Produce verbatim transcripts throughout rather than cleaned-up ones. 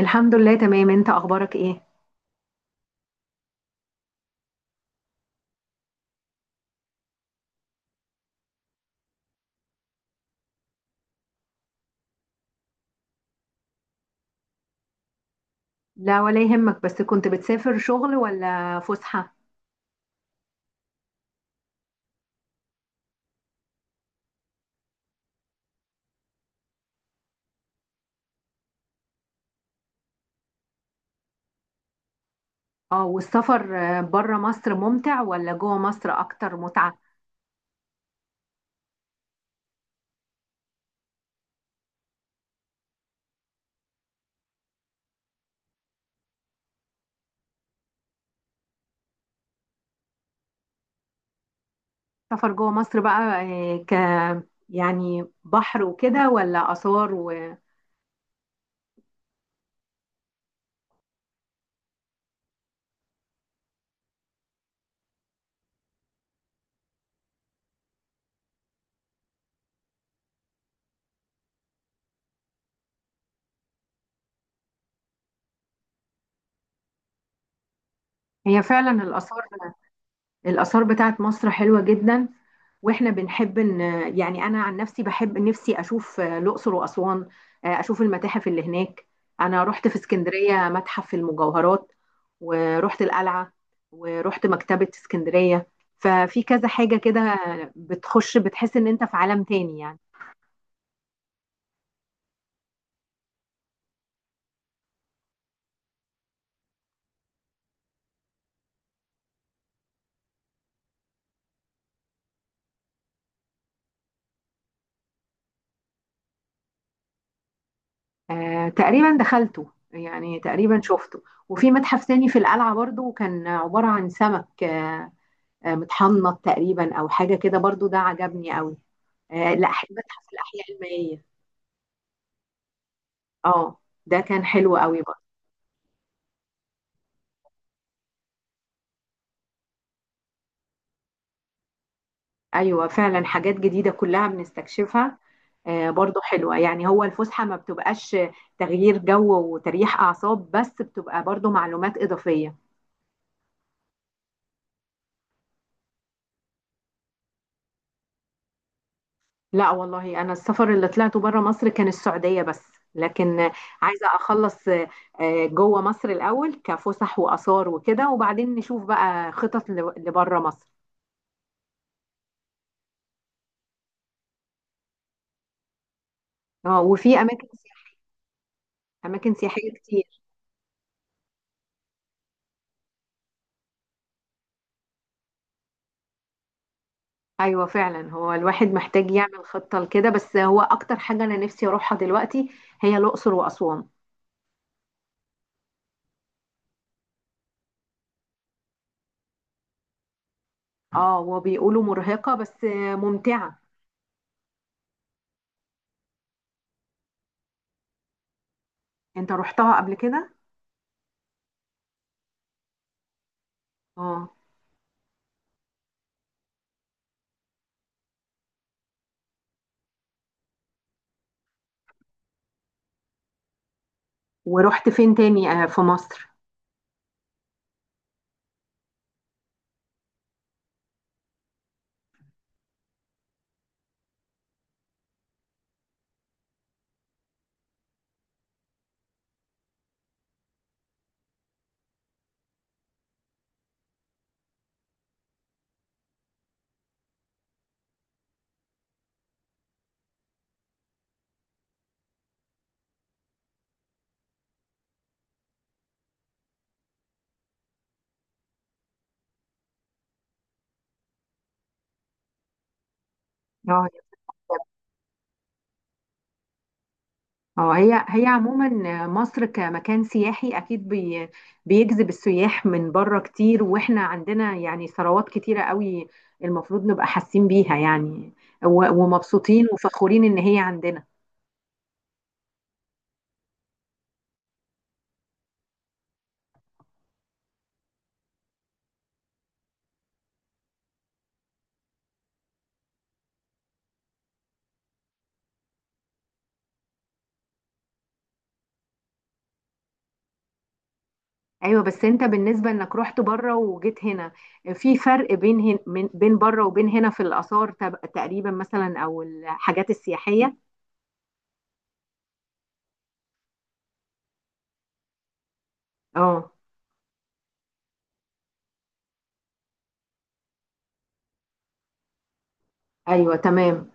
الحمد لله تمام، انت اخبارك ايه؟ لا ولا يهمك، بس كنت بتسافر شغل ولا فسحة؟ اه، والسفر بره مصر ممتع ولا جوه مصر اكتر متعة؟ سفر جوه مصر بقى آه، ك يعني بحر وكده ولا آثار وهي؟ فعلا الآثار. الآثار بتاعت مصر حلوة جدا، واحنا بنحب ان يعني، انا عن نفسي بحب نفسي اشوف آه، الاقصر واسوان. آه، اشوف المتاحف اللي هناك. انا رحت في اسكندريه متحف المجوهرات، ورحت القلعه، ورحت مكتبه اسكندريه. ففي كذا حاجه كده بتخش بتحس ان انت في عالم تاني يعني. آه، تقريبا دخلته، يعني تقريبا شفته. وفي متحف تاني في القلعه برضو كان عباره عن سمك آه، آه، متحنط تقريبا او حاجه كده، برضو ده عجبني قوي. آه، لا أح- متحف الاحياء المائيه. اه، ده كان حلو قوي برضو. ايوه فعلا، حاجات جديده كلها بنستكشفها. آه، برضو حلوه يعني، هو الفسحه ما بتبقاش تغيير جو وتريح اعصاب بس، بتبقى برضو معلومات اضافيه. لا والله، انا السفر اللي طلعته بره مصر كان السعوديه بس. لكن آه، عايزه اخلص آه، آه، جوه مصر الاول كفسح واثار وكده، وبعدين نشوف بقى خطط لبره مصر. اه، وفي اماكن سياح- اماكن سياحيه كتير. ايوه فعلا، هو الواحد محتاج يعمل خطه لكده، بس هو اكتر حاجه انا نفسي اروحها دلوقتي هي الاقصر واسوان. اه، وبيقولوا مرهقه بس ممتعه. انت رحتها قبل كده؟ اه. ورحت فين تاني آه، في مصر؟ اه. اه، هي هي عموما مصر كمكان سياحي اكيد بي بيجذب السياح من بره كتير، واحنا عندنا يعني ثروات كتيره قوي المفروض نبقى حاسين بيها يعني، و- ومبسوطين وفخورين ان هي عندنا. ايوه، بس انت بالنسبه انك رحت بره وجيت هنا، في فرق بين هن من- بين بره وبين هنا في الاثار تب- تقريبا، مثلا، او الحاجات السياحيه؟ اه. ايوه تمام.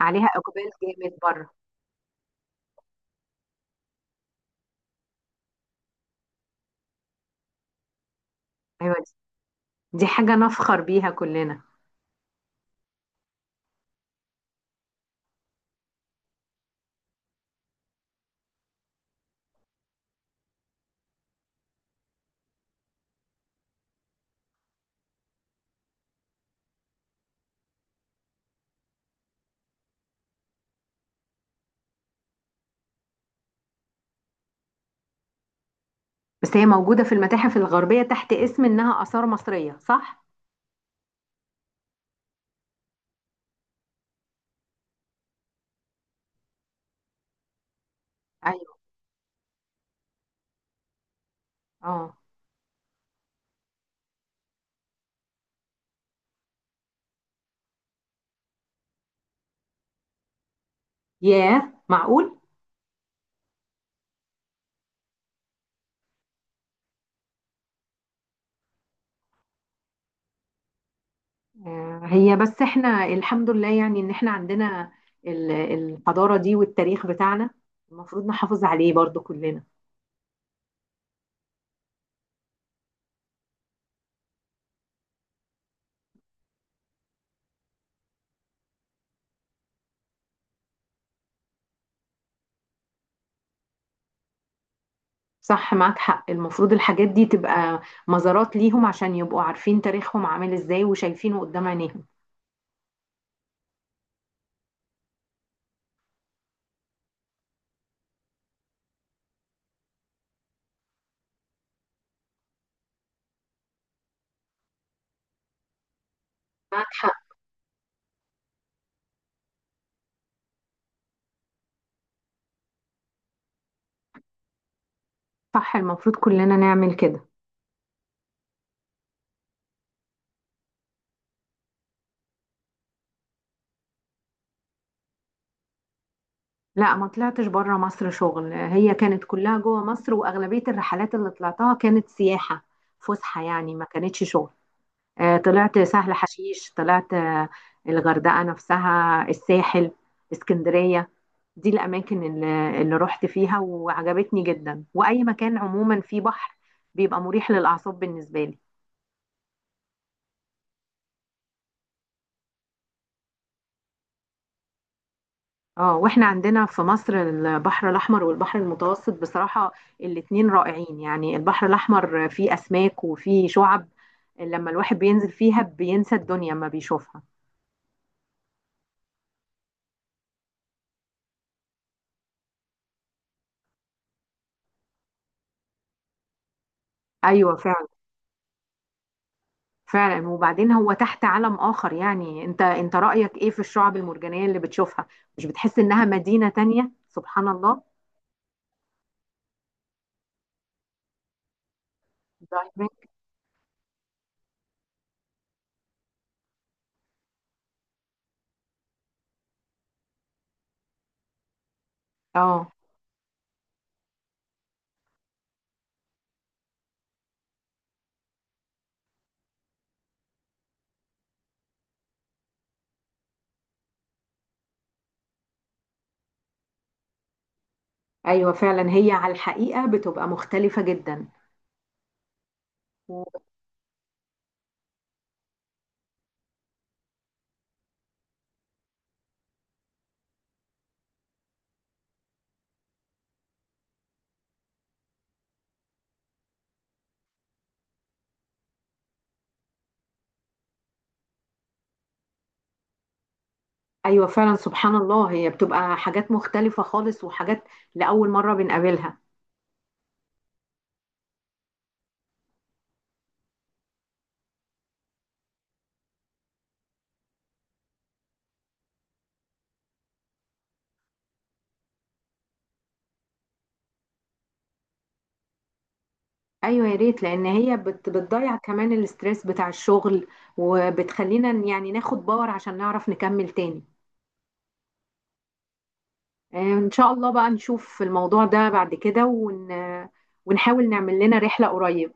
عليها اقبال جامد بره. ايوه، دي دي حاجه نفخر بيها كلنا. بس هي موجودة في المتاحف الغربية تحت اسم إنها آثار مصرية، صح؟ أيوه. اه. ياه، معقول؟ آه، هي بس احنا الحمد لله يعني إن احنا عندنا ال- الحضارة دي والتاريخ بتاعنا المفروض نحافظ عليه برضو كلنا. صح، معاك حق، المفروض الحاجات دي تبقى مزارات ليهم عشان يبقوا عارفين تاريخهم عامل ازاي وشايفينه قدام عينيهم. معاك حق. صح، المفروض كلنا نعمل كده. لا، ما طلعتش بره مصر شغل، هي كانت كلها جوه مصر، واغلبيه الرحلات اللي طلعتها كانت سياحه فسحه يعني، ما كانتش شغل. آه، طلعت سهل حشيش، طلعت آه، الغردقه نفسها، الساحل، اسكندريه. دي الاماكن اللي, اللي رحت فيها وعجبتني جدا. واي مكان عموما فيه بحر بيبقى مريح للاعصاب بالنسبه لي. اه، واحنا عندنا في مصر البحر الاحمر والبحر المتوسط بصراحه الاتنين رائعين. يعني البحر الاحمر فيه اسماك وفيه شعب، لما الواحد بينزل فيها بينسى الدنيا ما بيشوفها. ايوه فعلا. فعلا، وبعدين هو تحت عالم اخر يعني. انت، انت رايك ايه في الشعب المرجانيه اللي بتشوفها؟ مش بتحس انها مدينه تانية، سبحان الله؟ دايفنج. اه. ايوه فعلا، هي على الحقيقه بتبقى مختلفه جدا. ايوه فعلا، سبحان الله، هي بتبقى حاجات مختلفة خالص، وحاجات لأول مرة بنقابلها. ايوه يا ريت، لان هي بت بتضيع كمان الاسترس بتاع الشغل، وبتخلينا ن- يعني ناخد باور عشان نعرف نكمل تاني. آه، ان شاء الله بقى نشوف الموضوع ده بعد كده ون... ونحاول نعمل لنا رحلة قريب.